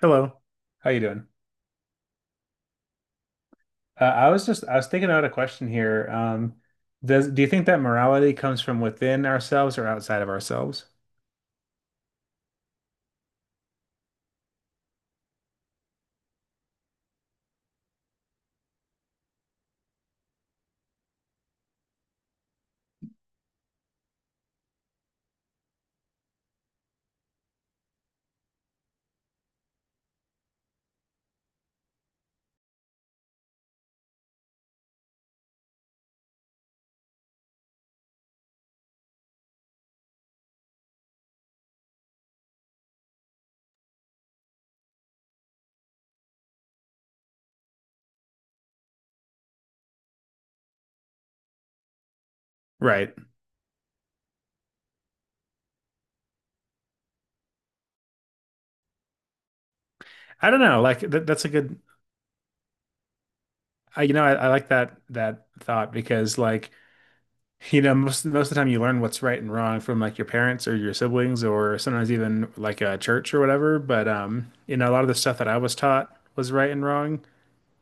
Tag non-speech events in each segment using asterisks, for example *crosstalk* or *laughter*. Hello. How you doing? I was thinking out a question here. Does do you think that morality comes from within ourselves or outside of ourselves? Right. I don't know. Like th that's a good. I, you know, I like that thought because most most of the time you learn what's right and wrong from like your parents or your siblings or sometimes even like a church or whatever. But a lot of the stuff that I was taught was right and wrong.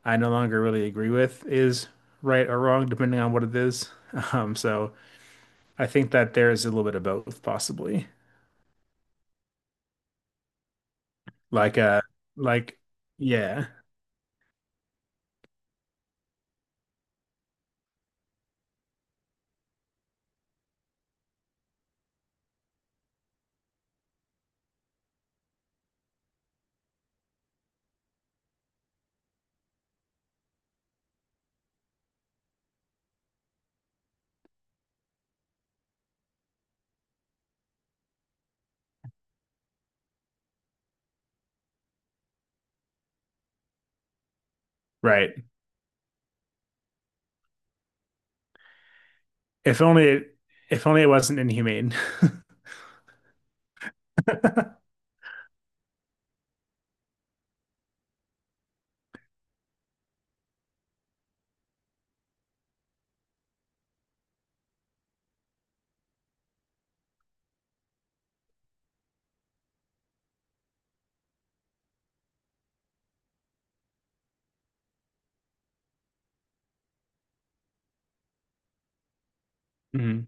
I no longer really agree with is right or wrong depending on what it is. *laughs* Um, so. I think that there is a little bit of both, possibly. Like uh like yeah, right. If only it if only it wasn't inhumane. *laughs* Hmm.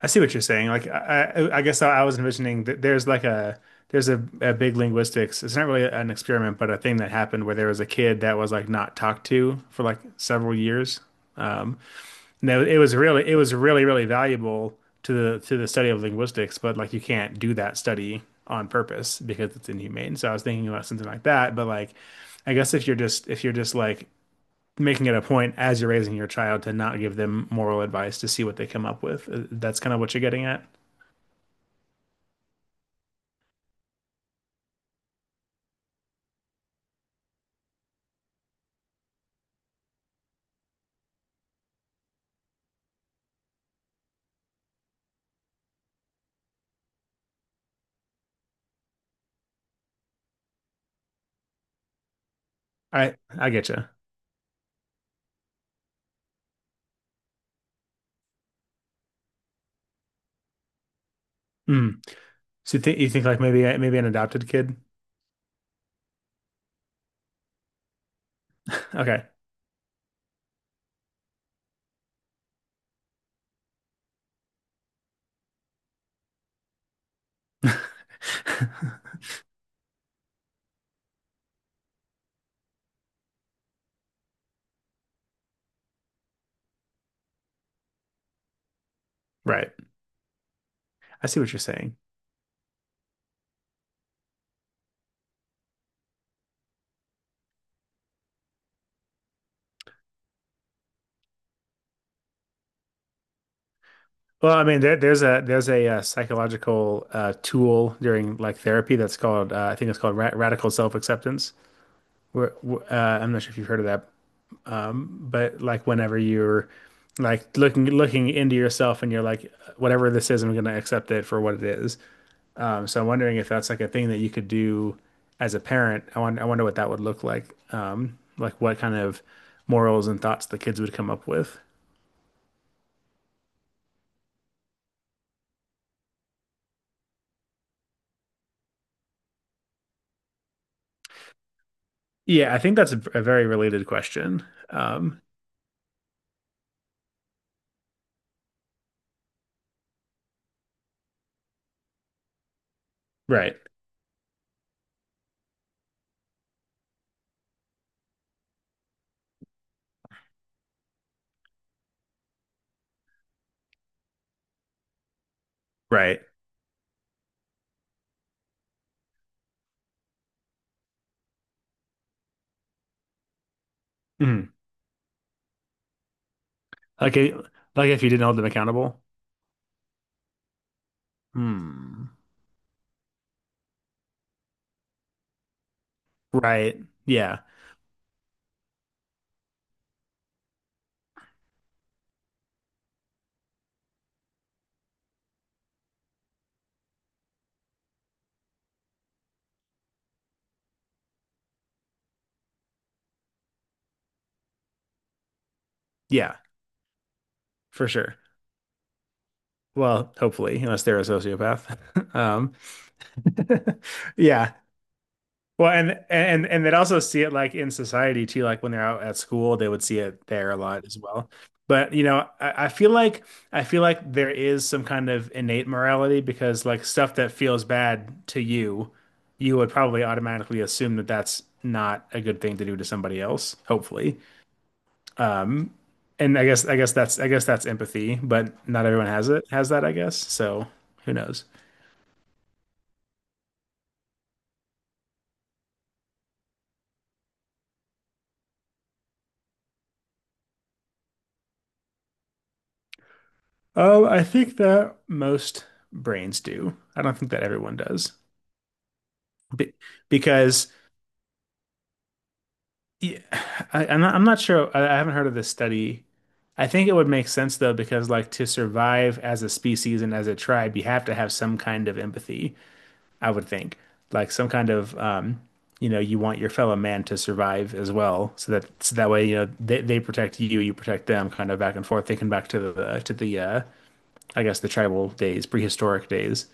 I see what you're saying. I guess I was envisioning that there's like a there's a big linguistics. It's not really an experiment, but a thing that happened where there was a kid that was like not talked to for like several years. Um, No, it was really really valuable to the study of linguistics, but like you can't do that study on purpose because it's inhumane. So I was thinking about something like that, but like if you're just like making it a point as you're raising your child to not give them moral advice to see what they come up with, that's kind of what you're getting at. I get you. Mm. So you think like maybe an adopted kid? Okay. *laughs* Right. I see what you're saying. Well, I mean, there's a, psychological tool during like therapy that's called I think it's called ra radical self-acceptance. Where wh- uh, I'm not sure if you've heard of that, but like whenever you're like looking into yourself and you're like, whatever this is, I'm going to accept it for what it is. So I'm wondering if that's like a thing that you could do as a parent. I wonder what that would look like. Like what kind of morals and thoughts the kids would come up with. Yeah, I think that's a very related question. Um, right. Right. Mm. Like it, like if you didn't hold them accountable. Hmm. Right. Yeah. Yeah, for sure. Well, hopefully, unless they're a sociopath. *laughs* Um, *laughs* yeah. Well, and they'd also see it like in society too, like when they're out at school, they would see it there a lot as well. But you know, I feel like there is some kind of innate morality because like stuff that feels bad to you, you would probably automatically assume that that's not a good thing to do to somebody else, hopefully. Um, and I guess that's empathy, but not everyone has that, I guess. So who knows? Oh, I think that most brains do. I don't think that everyone does. Be because yeah, I'm not sure. I haven't heard of this study. I think it would make sense though, because like to survive as a species and as a tribe, you have to have some kind of empathy, I would think. Like some kind of, you know, you want your fellow man to survive as well, so that so that way, you know, they protect you, you protect them, kind of back and forth, thinking back to the I guess the tribal days, prehistoric days.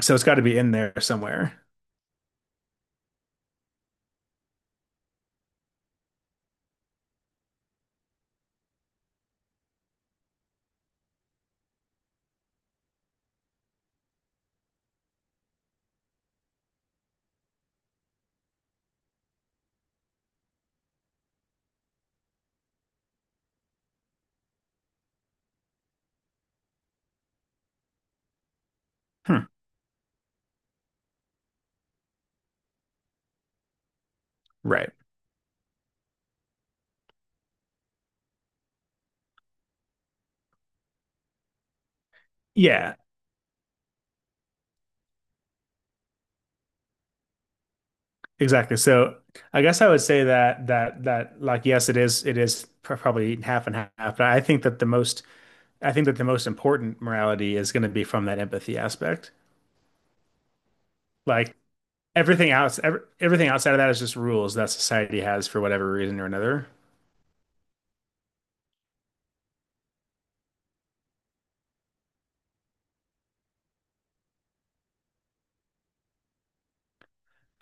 So it's got to be in there somewhere. Hmm. Right. Yeah. Exactly. So I guess I would say that that like yes, it is probably half and half. But I think that the most I think that the most important morality is going to be from that empathy aspect. Like everything else, everything outside of that is just rules that society has for whatever reason or another.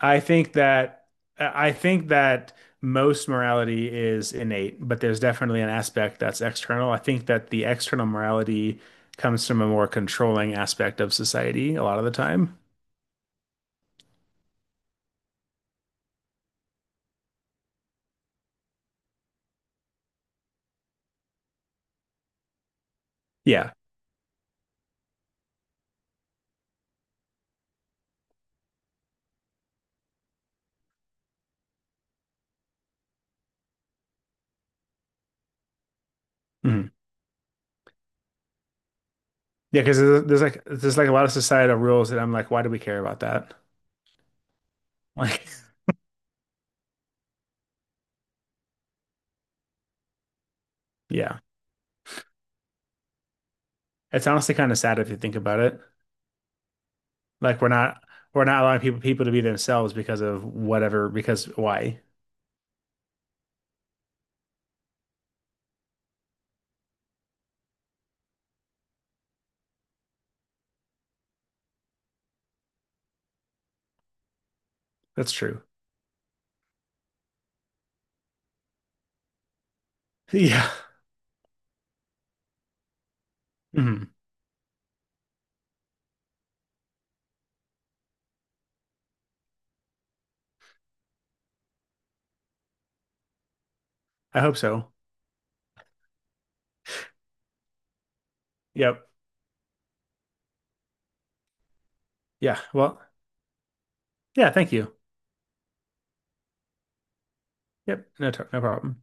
I think that I think that most morality is innate, but there's definitely an aspect that's external. I think that the external morality comes from a more controlling aspect of society a lot of the time. Yeah. Hmm. Yeah, because there's like a lot of societal rules that I'm like, why do we care about that? Like, *laughs* yeah, it's honestly kind of sad if you think about it. Like, we're not allowing people people to be themselves because of whatever. Because why? That's true. *laughs* Yeah. Hmm. I hope so. Yep. Yeah. Well. Yeah. Thank you. Yep. No problem.